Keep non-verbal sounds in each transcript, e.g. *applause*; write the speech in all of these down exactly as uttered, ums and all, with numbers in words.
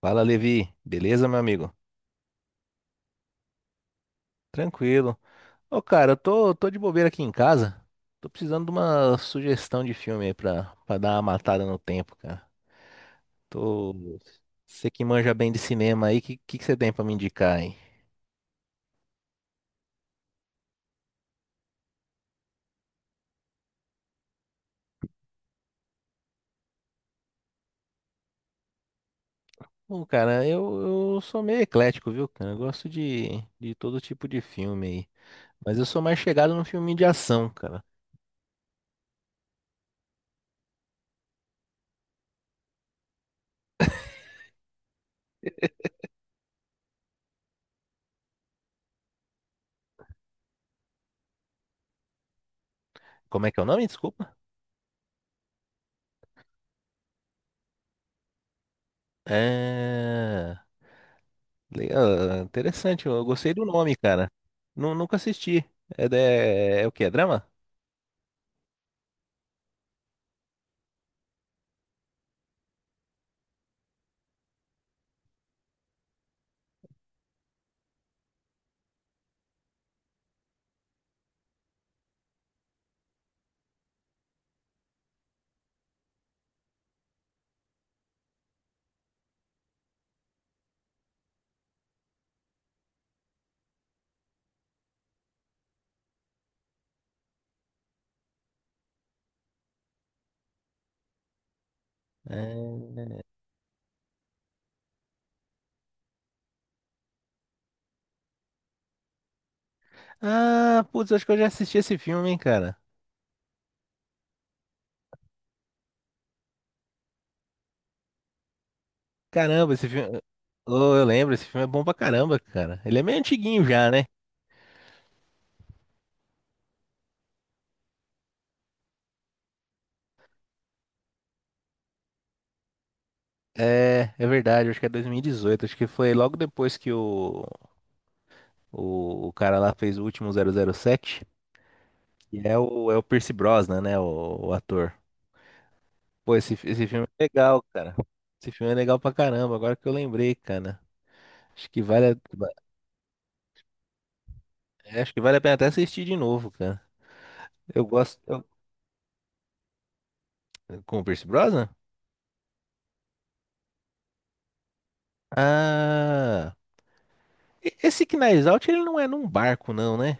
Fala, Levi. Beleza, meu amigo? Tranquilo. Ô, cara, eu tô, tô de bobeira aqui em casa. Tô precisando de uma sugestão de filme aí pra, pra dar uma matada no tempo, cara. Tô. Você que manja bem de cinema aí, que, que, que você tem pra me indicar aí? Bom, cara, eu, eu sou meio eclético, viu, cara? Eu gosto de, de todo tipo de filme aí. Mas eu sou mais chegado no filme de ação, cara. Como é que é o nome? Desculpa. É. Legal, interessante, eu gostei do nome, cara. Nu- nunca assisti. É, da- é o quê? É drama? É. Ah, putz, acho que eu já assisti esse filme, hein, cara. Caramba, esse filme. Oh, eu lembro, esse filme é bom pra caramba, cara. Ele é meio antiguinho já, né? É, é verdade, acho que é dois mil e dezoito. Acho que foi logo depois que o, o, o cara lá fez o último zero zero sete. E é o, é o Pierce Brosnan, né? O, o ator. Pô, esse, fi- esse filme é legal, cara. Esse filme é legal pra caramba, agora que eu lembrei, cara. Acho que vale a, é, Acho que vale a pena até assistir de novo, cara. Eu gosto. Eu, com o Pierce Brosnan? Ah. e- Esse Knives Out, ele não é num barco, não, né?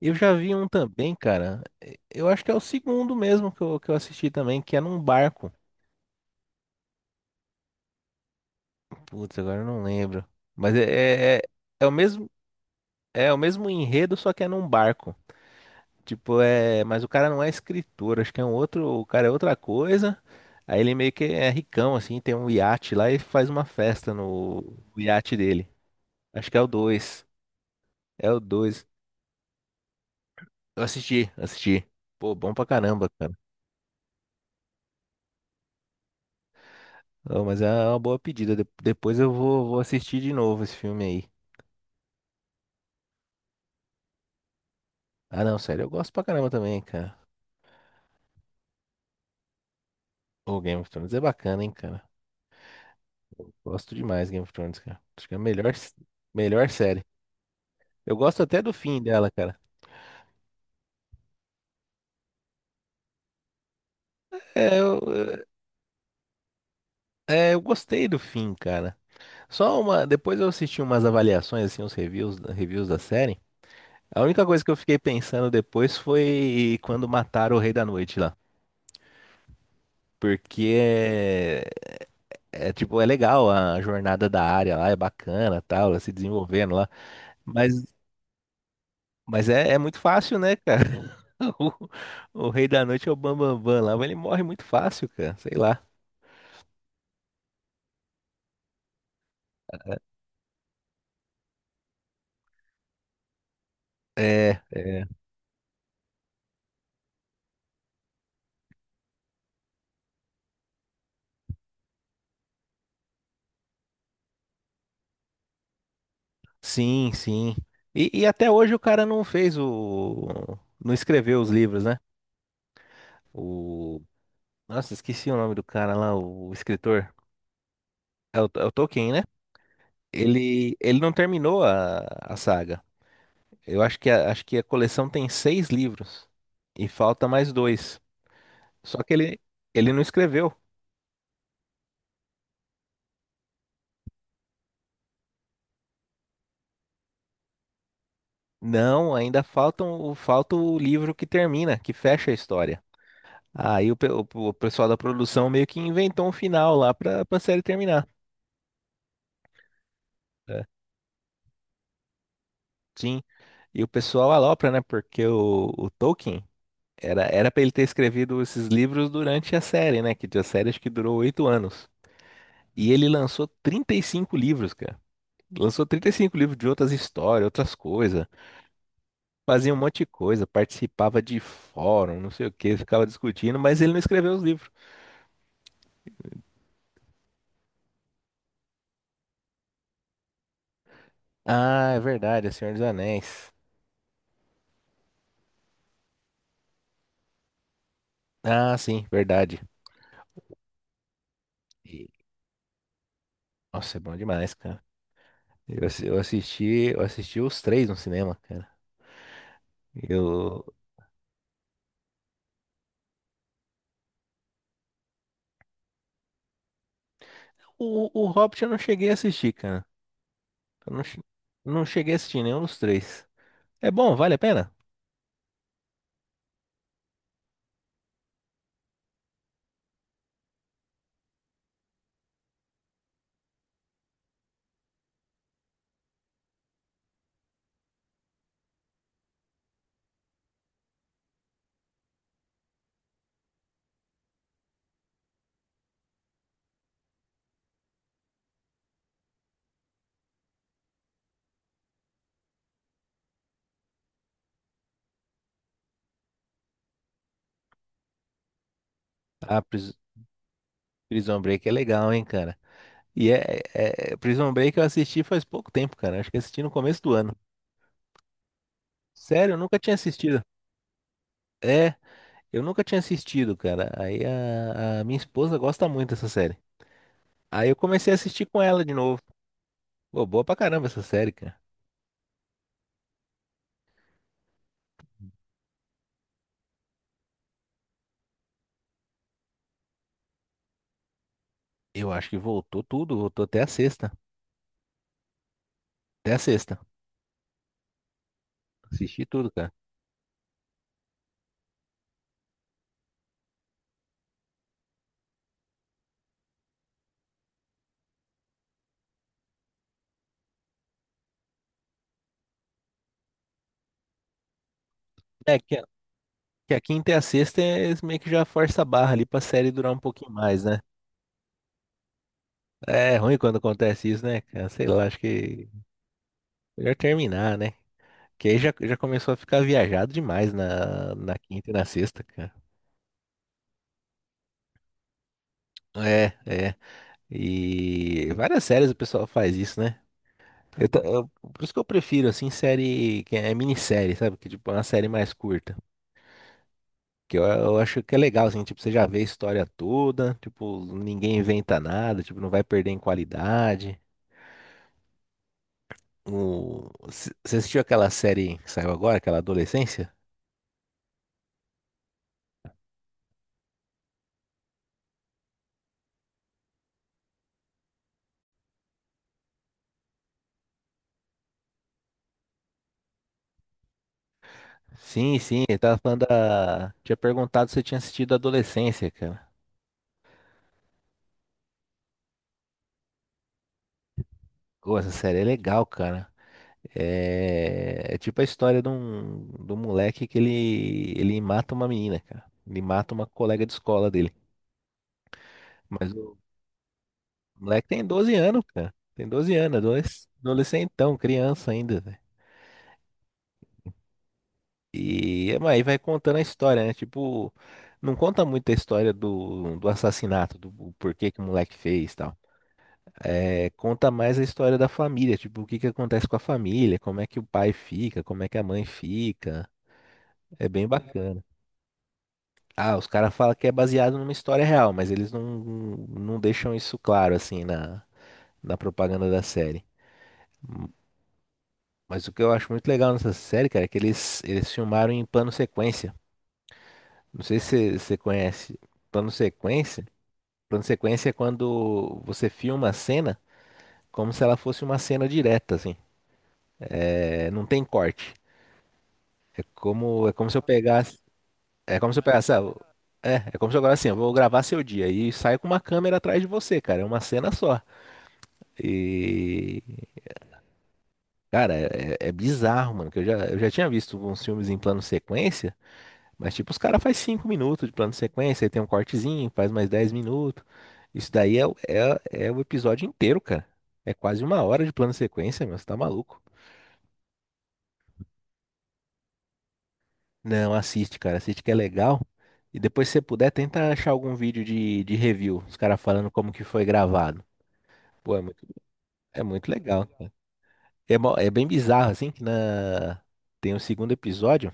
Eu já vi um também, cara. E- Eu acho que é o segundo mesmo que eu, que eu assisti também, que é num barco. Putz, agora eu não lembro. Mas é, é, é é o mesmo, é o mesmo enredo, só que é num barco. Tipo, é. Mas o cara não é escritor, acho que é um outro. O cara é outra coisa. Aí ele meio que é ricão, assim, tem um iate lá e faz uma festa no, no iate dele. Acho que é o dois. É o dois. Eu assisti, assisti. Pô, bom pra caramba, cara. Ô, mas é uma boa pedida. De- depois eu vou, vou assistir de novo esse filme aí. Ah, não, sério, eu gosto pra caramba também, cara. O Game of Thrones é bacana, hein, cara. Gosto demais de Game of Thrones, cara. Acho que é a melhor, melhor série. Eu gosto até do fim dela, cara. É, eu, É, eu gostei do fim, cara. Só uma. Depois eu assisti umas avaliações, assim, uns reviews, reviews da série. A única coisa que eu fiquei pensando depois foi quando mataram o Rei da Noite lá. Porque é, é, tipo, é legal a jornada da área lá, é bacana, tal, ela se desenvolvendo lá. Mas, mas é, é muito fácil, né, cara? *laughs* O, o Rei da Noite é o Bambambam Bam Bam Bam lá, mas ele morre muito fácil, cara. Sei lá. É. Sim, sim. E, e até hoje o cara não fez o. Não escreveu os livros, né? O. Nossa, esqueci o nome do cara lá, o escritor. É o, é o Tolkien, né? Ele, ele não terminou a, a saga. Eu acho que a, Acho que a coleção tem seis livros. E falta mais dois. Só que ele, ele não escreveu. Não, ainda faltam, o- falta o livro que termina, que fecha a história. Aí o, pe- o, o pessoal da produção meio que inventou um final lá pra, pra série terminar. É. Sim. E o pessoal alopra, né? Porque o, o Tolkien era era para ele ter escrevido esses livros durante a série, né? Que a série acho que durou oito anos. E ele lançou trinta e cinco livros, cara. Lançou trinta e cinco livros de outras histórias, outras coisas. Fazia um monte de coisa, participava de fórum, não sei o que, ficava discutindo, mas ele não escreveu os livros. Ah, é verdade, é Senhor dos Anéis. Ah, sim, verdade. E- Nossa, é bom demais, cara. Eu, assi- eu assisti, eu assisti os três no cinema, cara. Eu, O, o Hobbit eu não cheguei a assistir, cara. Eu não, che- Não cheguei a assistir nenhum dos três. É bom, vale a pena? Ah, Pris- Prison Break é legal, hein, cara. E é, é- é- Prison Break eu assisti faz pouco tempo, cara. Acho que assisti no começo do ano. Sério, eu nunca tinha assistido. É, eu nunca tinha assistido, cara. Aí a, a minha esposa gosta muito dessa série. Aí eu comecei a assistir com ela de novo. Pô, boa pra caramba essa série, cara. Eu acho que voltou tudo, voltou até a sexta. Até a sexta. Assisti tudo, cara. É. Que a quinta e a sexta é eles meio que já força a barra ali pra série durar um pouquinho mais, né? É ruim quando acontece isso, né, cara? Sei lá, acho que melhor terminar, né? Que aí já, já começou a ficar viajado demais na, na quinta e na sexta, cara. É, é. E várias séries o pessoal faz isso, né? Eu ta- eu- por isso que eu prefiro, assim, série que é minissérie, sabe? Que tipo, é uma série mais curta. Que eu, eu acho que é legal, assim, tipo, você já vê a história toda, tipo, ninguém inventa nada, tipo, não vai perder em qualidade. O... c- Você assistiu aquela série que saiu agora, aquela Adolescência? Sim, sim, eu tava falando da. Tinha perguntado se eu tinha assistido Adolescência, cara. Pô, essa série é legal, cara. É, é tipo a história de um, de um moleque que ele... ele mata uma menina, cara. Ele mata uma colega de escola dele. Mas o moleque tem doze anos, cara. Tem doze anos, adoles- adolescentão, criança ainda. E é, aí vai contando a história, né? Tipo, não conta muito a história do, do assassinato, do o porquê que o moleque fez e tal. É, conta mais a história da família, tipo, o que que acontece com a família, como é que o pai fica, como é que a mãe fica. É bem bacana. Ah, os caras falam que é baseado numa história real, mas eles não, não deixam isso claro, assim, na, na propaganda da série. Mas o que eu acho muito legal nessa série, cara, é que eles, eles filmaram em plano sequência. Não sei se você conhece plano sequência. Plano de sequência é quando você filma a cena como se ela fosse uma cena direta, assim. É, não tem corte. É como, é como se eu pegasse. É como se eu pegasse. ah, É, é como se eu agora assim, eu vou gravar seu dia e saio com uma câmera atrás de você, cara. É uma cena só. E. Cara, é, é bizarro, mano. Que eu já, eu já tinha visto uns filmes em plano sequência. Mas, tipo, os caras faz cinco minutos de plano de sequência, aí tem um cortezinho, faz mais dez minutos. Isso daí é, o- é, é o episódio inteiro, cara. É quase uma hora de plano de sequência, meu, você tá maluco. Não, assiste, cara, assiste que é legal. E depois, se você puder, tenta achar algum vídeo de, de review, os caras falando como que foi gravado. Pô, é muito, é muito legal. É, mo- é bem bizarro, assim, que na... tem o segundo episódio,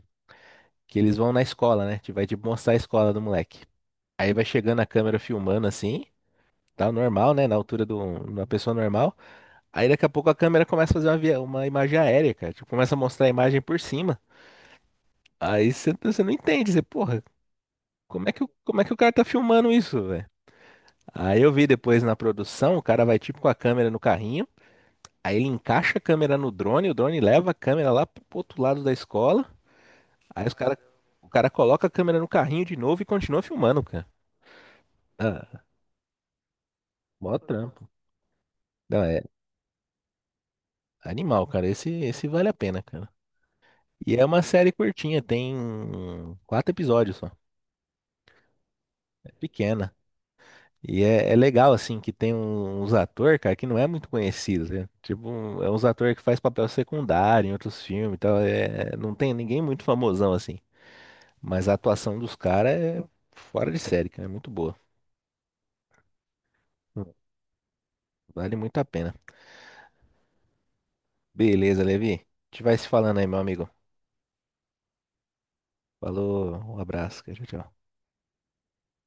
que eles vão na escola, né? Te vai, tipo, mostrar a escola do moleque. Aí vai chegando a câmera filmando, assim. Tá normal, né? Na altura de um- uma pessoa normal. Aí daqui a pouco a câmera começa a fazer uma, via- uma imagem aérea, cara. Tipo, começa a mostrar a imagem por cima. Aí você você não entende. Você, porra, como é que, o- como é que o cara tá filmando isso, velho? Aí eu vi depois na produção, o cara vai tipo com a câmera no carrinho. Aí ele encaixa a câmera no drone, o drone leva a câmera lá pro outro lado da escola. Aí os cara, o cara coloca a câmera no carrinho de novo e continua filmando, cara. Ah, mó trampo. Não, é animal, cara. Esse, esse vale a pena, cara. E é uma série curtinha, tem quatro episódios só. É pequena. E é, é legal, assim, que tem um- uns atores, cara, que não é muito conhecido, né? Tipo, um- é uns atores que faz papel secundário em outros filmes e tal. É, não tem ninguém muito famosão, assim. Mas a atuação dos caras é fora de série, cara. É muito boa. Vale muito a pena. Beleza, Levi. A gente vai se falando aí, meu amigo. Falou, um abraço, cara. Tchau, tchau.